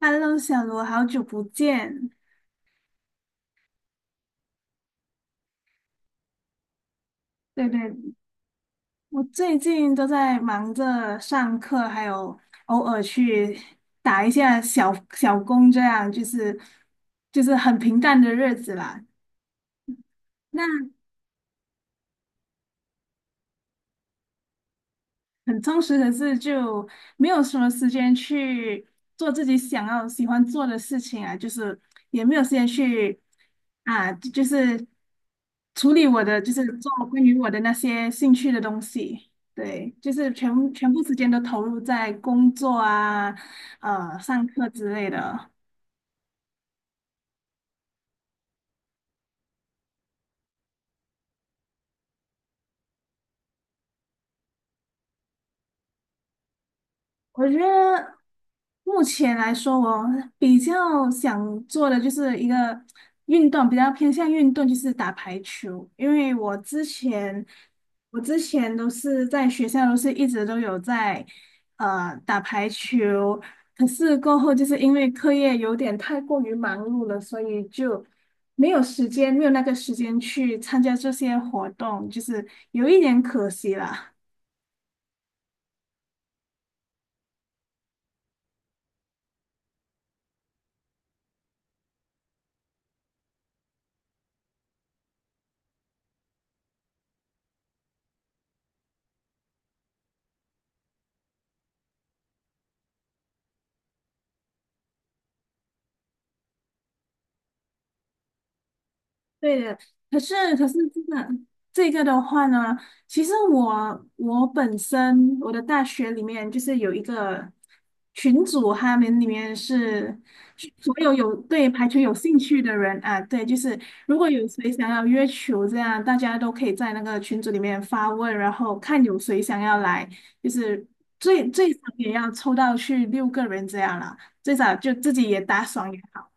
Hello，小罗，好久不见。对对，我最近都在忙着上课，还有偶尔去打一下小小工，这样就是很平淡的日子啦。那很充实，可是就没有什么时间去做自己想要喜欢做的事情啊，就是也没有时间去啊，就是处理我的，就是做关于我的那些兴趣的东西。对，就是全部时间都投入在工作啊、上课之类的。我觉得目前来说，我比较想做的就是一个运动，比较偏向运动，就是打排球。因为我之前都是在学校，都是一直都有在打排球。可是过后，就是因为课业有点太过于忙碌了，所以就没有那个时间去参加这些活动，就是有一点可惜了。对的，可是真的，这个的话呢，其实我本身我的大学里面就是有一个群组，他们里面是所有有对排球有兴趣的人啊，对，就是如果有谁想要约球这样，大家都可以在那个群组里面发问，然后看有谁想要来，就是最少也要抽到去六个人这样啦，最少就自己也打爽也好。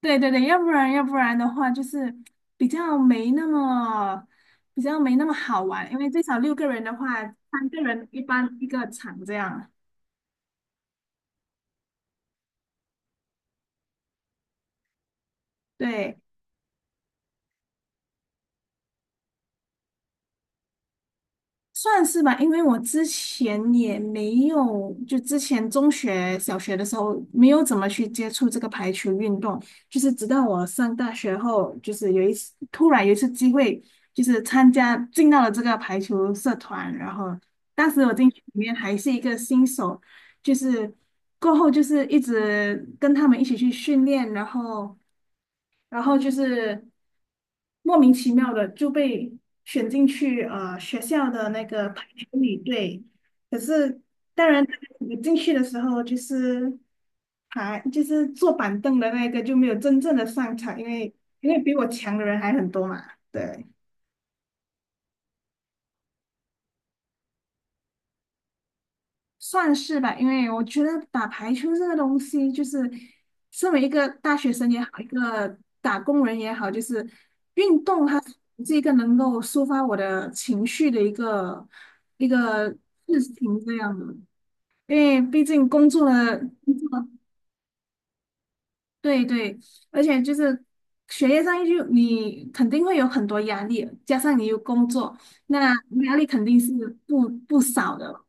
对对对，要不然的话，就是比较没那么比较没那么好玩，因为最少六个人的话，三个人一般一个场这样。对，算是吧，因为我之前也没有，就之前中学、小学的时候没有怎么去接触这个排球运动，就是直到我上大学后，就是有一次突然有一次机会，就是参加进到了这个排球社团，然后当时我进去里面还是一个新手，就是过后就是一直跟他们一起去训练，然后就是。莫名其妙的就被选进去学校的那个排球女队。可是当然，我进去的时候就是还就是坐板凳的那个就没有真正的上场，因为比我强的人还很多嘛。对，算是吧，因为我觉得打排球这个东西，就是身为一个大学生也好，一个打工人也好，就是运动它是一个能够抒发我的情绪的一个事情这样的。因为毕竟工作了，对对，而且就是学业上就你肯定会有很多压力，加上你有工作，那压力肯定是不少的。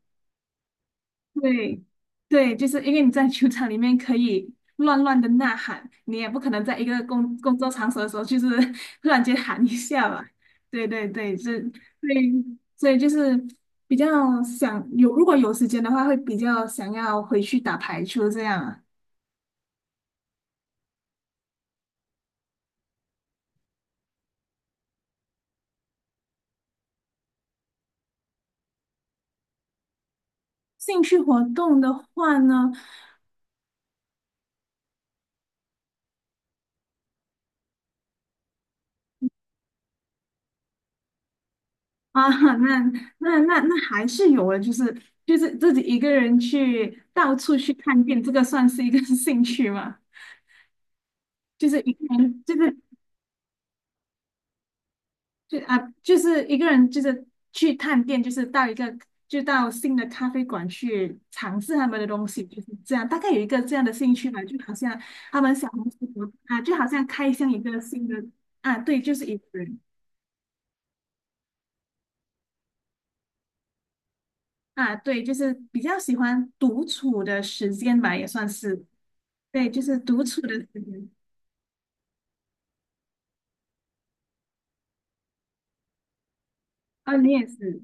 对，对，就是因为你在球场里面可以乱乱的呐喊，你也不可能在一个工作场所的时候，就是 突然间喊一下吧。对对对，是，对，所以就是比较想有，如果有时间的话，会比较想要回去打排球这样啊。兴趣活动的话呢，啊，那那还是有的，就是自己一个人去到处去看店，这个算是一个 兴趣吗？就是一个人，就是去探店，就是到一个就到新的咖啡馆去尝试他们的东西，就是这样。大概有一个这样的兴趣吧，就好像他们小红书啊，就好像开箱一个新的啊，对，就是一个人啊，对，就是比较喜欢独处的时间吧，也算是对，就是独处的时间。啊，你也是。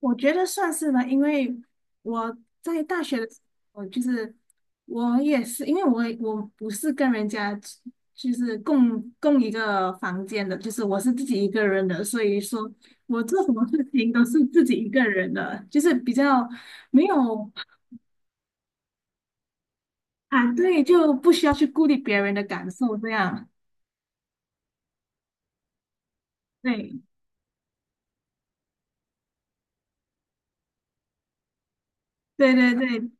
我觉得算是吧，因为我在大学的时候，就是我也是，因为我不是跟人家就是共一个房间的，就是我是自己一个人的，所以说我做什么事情都是自己一个人的，就是比较没有啊，对，就不需要去顾虑别人的感受，这样，对，对对对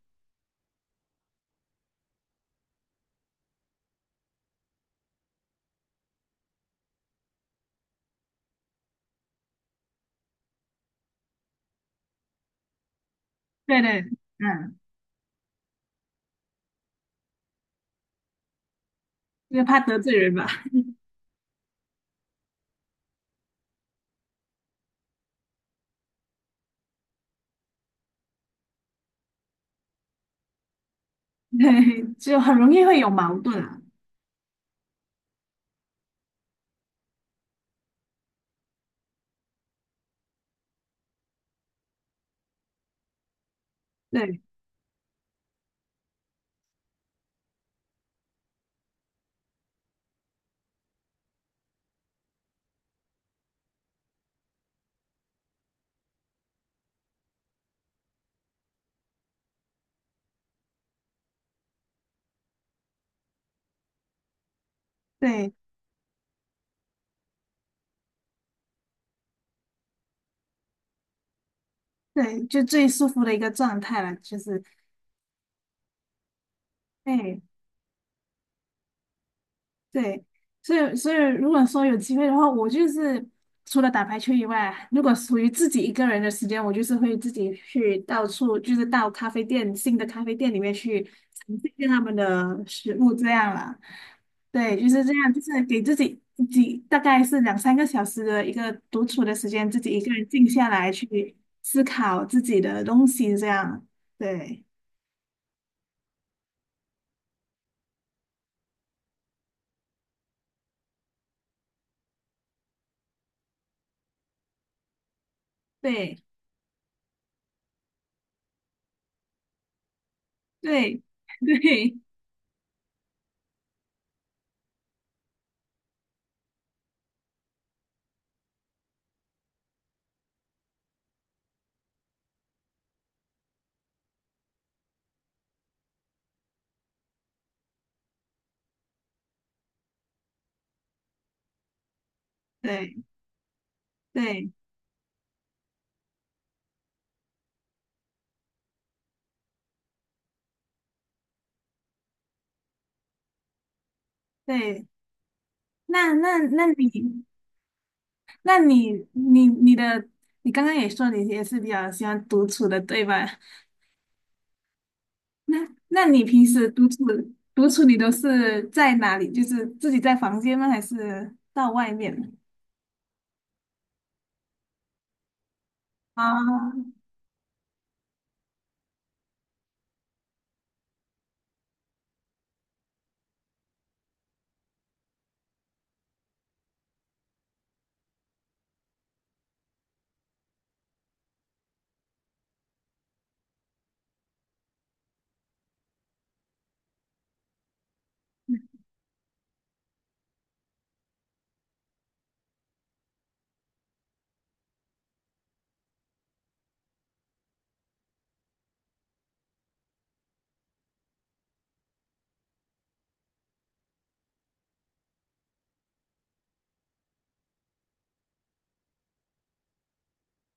对对，嗯，因为怕得罪人吧，对，就很容易会有矛盾啊，对对。对，就最舒服的一个状态了，就是，哎，对，所以如果说有机会的话，我就是除了打排球以外，如果属于自己一个人的时间，我就是会自己去到处，就是到咖啡店，新的咖啡店里面去尝试一下他们的食物这样啦。对，就是这样，就是给自己大概是两三个小时的一个独处的时间，自己一个人静下来去思考自己的东西这样，对。对，对 对对对对，那那那你那你你你的你刚刚也说你也是比较喜欢独处的，对吧？那你平时独处你都是在哪里？就是自己在房间吗？还是到外面？啊，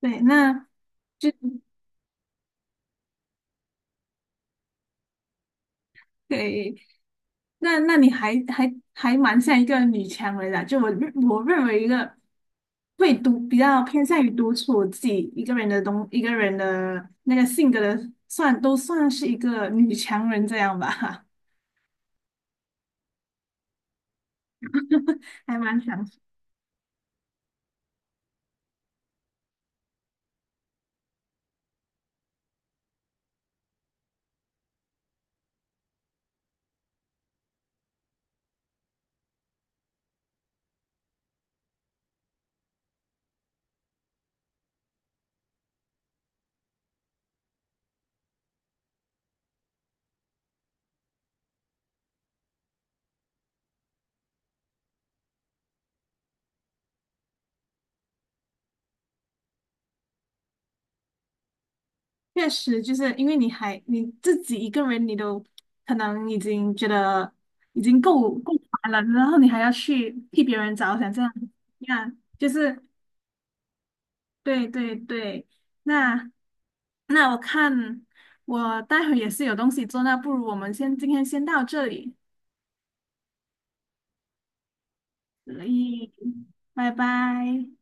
对，那就对，那你还蛮像一个女强人的，就我认为一个比较偏向于独处自己一个人的那个性格的，算是一个女强人这样吧，还蛮强势确实，就是因为你还你自己一个人，你都可能已经觉得已经够烦了，然后你还要去替别人着想，这样这样就是。对对对，那那我看我待会儿也是有东西做，那不如我们先今天先到这里，所以拜拜。